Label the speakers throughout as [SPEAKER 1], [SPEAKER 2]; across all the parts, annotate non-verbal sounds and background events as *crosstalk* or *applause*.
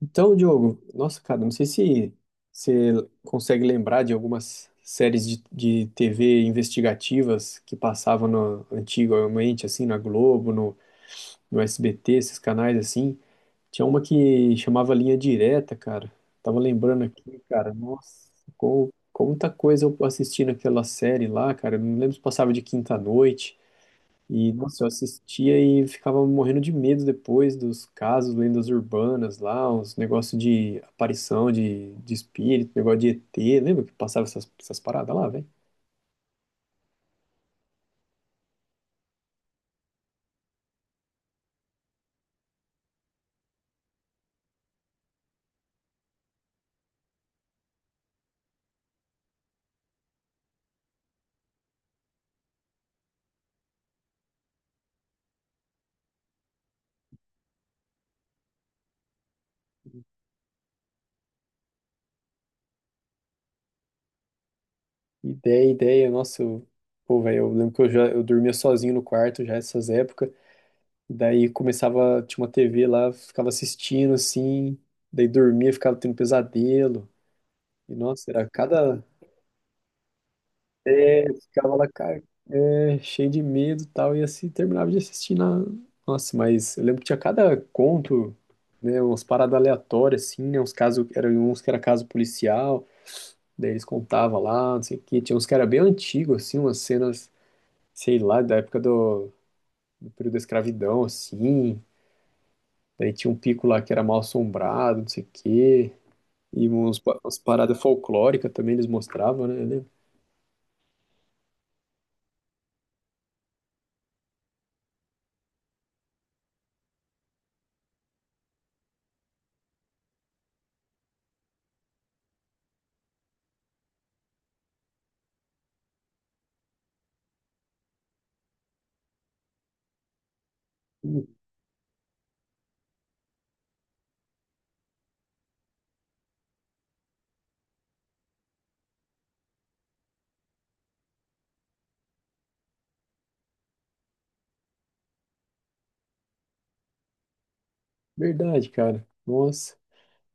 [SPEAKER 1] Então, Diogo, nossa, cara, não sei se você consegue lembrar de algumas séries de TV investigativas que passavam no- antigamente, assim, na Globo, no SBT, esses canais assim. Tinha uma que chamava Linha Direta, cara. Tava lembrando aqui, cara, nossa, como muita coisa eu assisti naquela série lá, cara. Eu não lembro se passava de quinta à noite. E, nossa, eu assistia e ficava morrendo de medo depois dos casos, lendas urbanas lá, uns negócios de aparição de espírito, negócio de ET. Lembra que passava essas paradas lá, velho? Ideia, ideia, nossa, eu, pô, velho, eu lembro que eu dormia sozinho no quarto já nessas épocas. Daí começava, tinha uma TV lá, ficava assistindo assim, daí dormia, ficava tendo pesadelo. E, nossa, era cada. Ficava lá, é, cheio de medo e tal, e assim terminava de assistir na. Nossa, mas eu lembro que tinha cada conto, né? Umas paradas aleatórias, assim, né? Uns casos, eram uns que era caso policial, daí eles contavam lá, não sei o quê. Tinha uns que era bem antigo, assim, umas cenas, sei lá, da época do, do período da escravidão, assim. Daí tinha um pico lá que era mal assombrado, não sei o quê. E uns, umas paradas folclóricas também eles mostravam, né? Eu lembro. Hum. Verdade, cara. Nossa.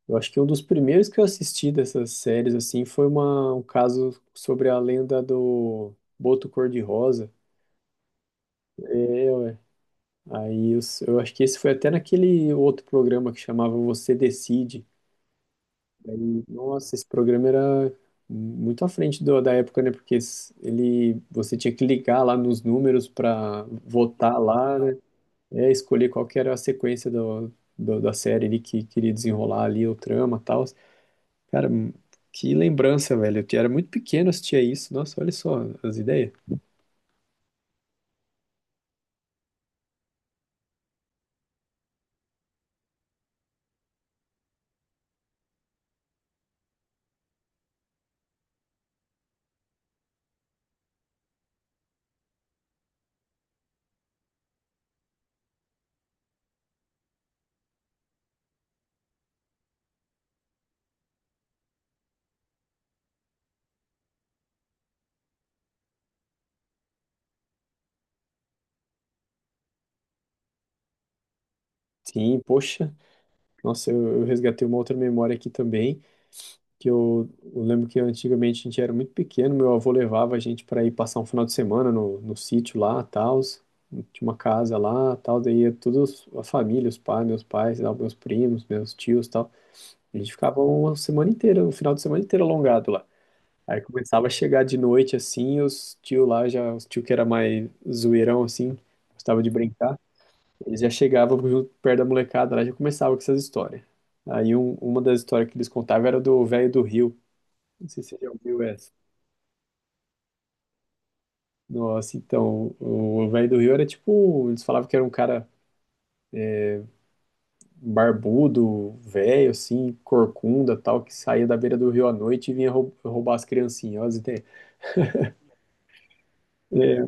[SPEAKER 1] Eu acho que um dos primeiros que eu assisti dessas séries, assim, foi uma, um caso sobre a lenda do Boto Cor-de-Rosa. É. Aí eu acho que esse foi até naquele outro programa que chamava Você Decide. Aí, nossa, esse programa era muito à frente do- da época, né? Porque ele, você tinha que ligar lá nos números para votar lá, né? É, escolher qual que era a sequência do, do- da série ali que queria desenrolar ali o trama e tal. Cara, que lembrança, velho. Eu era muito pequeno, assistia isso. Nossa, olha só as ideias. Sim, poxa. Nossa, eu resgatei uma outra memória aqui também, que eu lembro que antigamente a gente era muito pequeno, meu avô levava a gente para ir passar um final de semana no sítio lá, tal, tinha uma casa lá, tal, daí ia todos a família, os pais, meus pais, tal, meus primos, meus tios, tal. A gente ficava uma semana inteira, um final de semana inteiro alongado lá. Aí começava a chegar de noite assim, os tio lá já, os tio que era mais zoeirão assim, gostava de brincar, eles já chegavam junto perto da molecada lá, já começava com essas histórias. Aí uma das histórias que eles contavam era do velho do Rio. Não sei se você já ouviu essa. Nossa, então, o velho do Rio era tipo, eles falavam que era um cara barbudo, velho assim, corcunda, tal, que saía da beira do rio à noite e vinha roubar as criancinhas, ó, as ideias. É,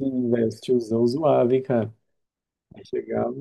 [SPEAKER 1] assim, velho, os tiozão zoava, hein, cara. Aí chegava.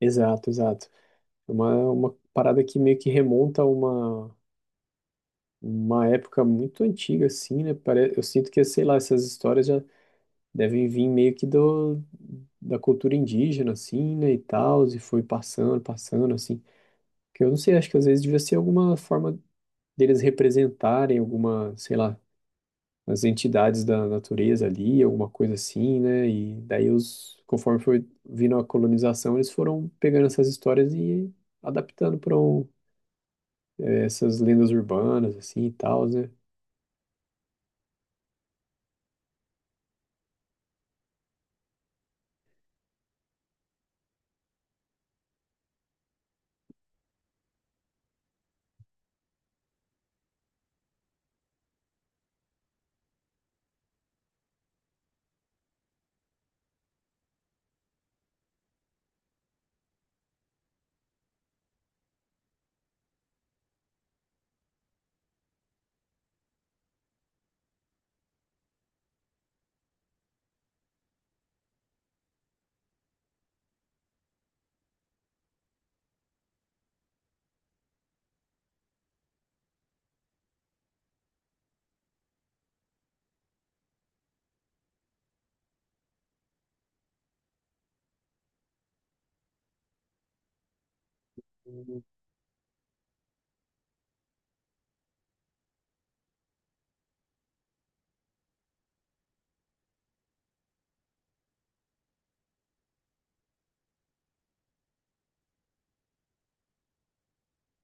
[SPEAKER 1] Exato, exato. É uma, é uma parada que meio que remonta a uma época muito antiga, assim, né? Eu sinto que, sei lá, essas histórias já devem vir meio que do, da cultura indígena, assim, né? E tal, e foi passando, passando, assim. Que eu não sei, acho que às vezes devia ser alguma forma deles representarem alguma, sei lá, as entidades da natureza ali, alguma coisa assim, né? E daí os, conforme foi vindo a colonização, eles foram pegando essas histórias e adaptando para um essas lendas urbanas, assim, e tal, né?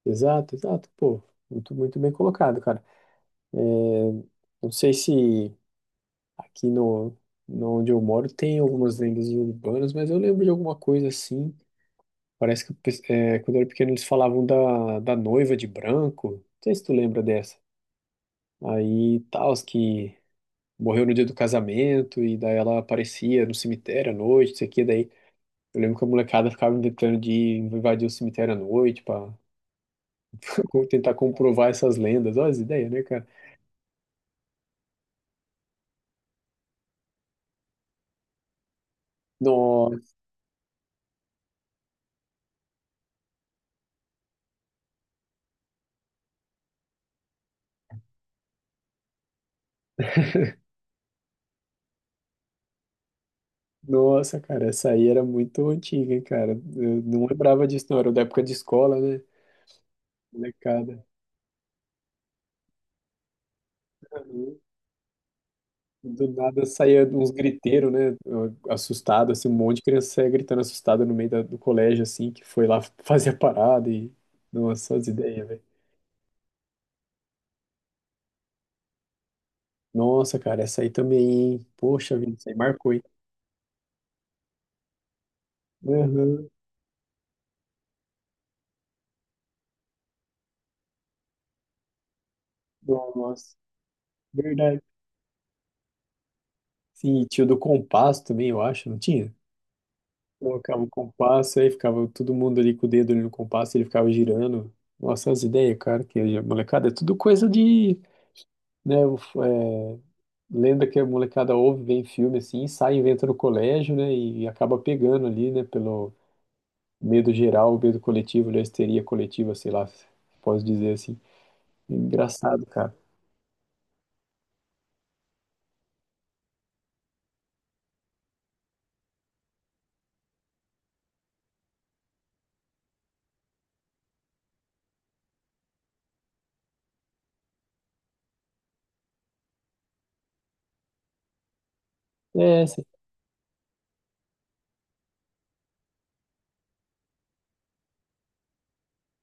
[SPEAKER 1] Exato, exato, pô. Muito, muito bem colocado, cara. É. Não sei se aqui no, no onde eu moro tem algumas lendas urbanas, mas eu lembro de alguma coisa assim. Parece que é, quando eu era pequeno eles falavam da, da noiva de branco. Não sei se tu lembra dessa. Aí tal, que morreu no dia do casamento e daí ela aparecia no cemitério à noite, não sei o que. Daí eu lembro que a molecada ficava inventando de invadir o cemitério à noite pra tentar comprovar essas lendas. Olha as ideias, né, cara? No- Nossa, cara, essa aí era muito antiga, hein, cara? Eu não lembrava disso, não. Era da época de escola, né? Molecada. Uhum. Do nada saía uns griteiros, né? Assustado, assim, um monte de criança saía gritando assustada no meio da- do colégio, assim, que foi lá *laughs* fazer a parada e. Nossa, as ideias, velho. Nossa, cara, essa aí também, hein? Poxa vida, isso aí marcou, hein? Aham. Nossa, verdade. Sim, e tinha o do compasso também, eu acho, não tinha? Colocava o compasso, aí ficava todo mundo ali com o dedo ali no compasso, ele ficava girando. Nossa, as ideias, cara, que a molecada é tudo coisa de, né, lenda que a molecada ouve, vem em filme assim, sai e inventa no colégio, né, e acaba pegando ali, né, pelo medo geral, medo coletivo, ali, a histeria coletiva, sei lá, posso dizer assim. Engraçado, cara. É, sim.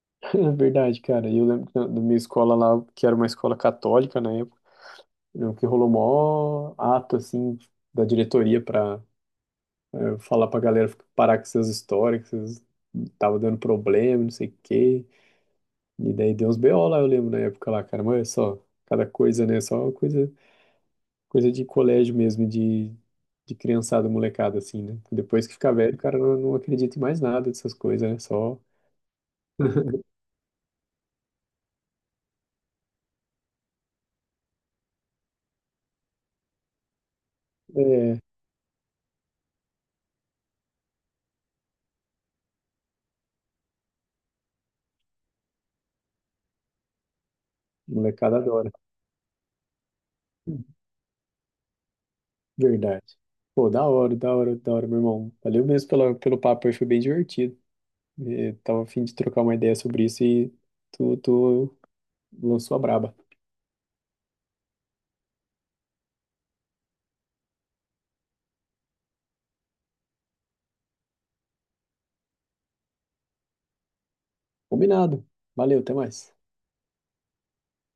[SPEAKER 1] *laughs* É verdade, cara. E eu lembro que na, na minha escola lá, que era uma escola católica na época, eu que rolou mó ato, assim, da diretoria para eu falar pra galera parar com essas histórias, que vocês tava dando problema, não sei o quê. E daí deu uns BO lá, eu lembro na época lá, cara. Mas é só, cada coisa, né? Só coisa, coisa de colégio mesmo, de criançada, molecada, assim, né? Depois que fica velho, o cara não, não acredita em mais nada dessas coisas, né? Só, *laughs* é, molecada adora. Verdade. Pô, da hora, da hora, da hora, meu irmão. Valeu mesmo pela, pelo papo aí, foi bem divertido. Tava a fim de trocar uma ideia sobre isso e tu lançou a braba. Combinado. Valeu, até mais.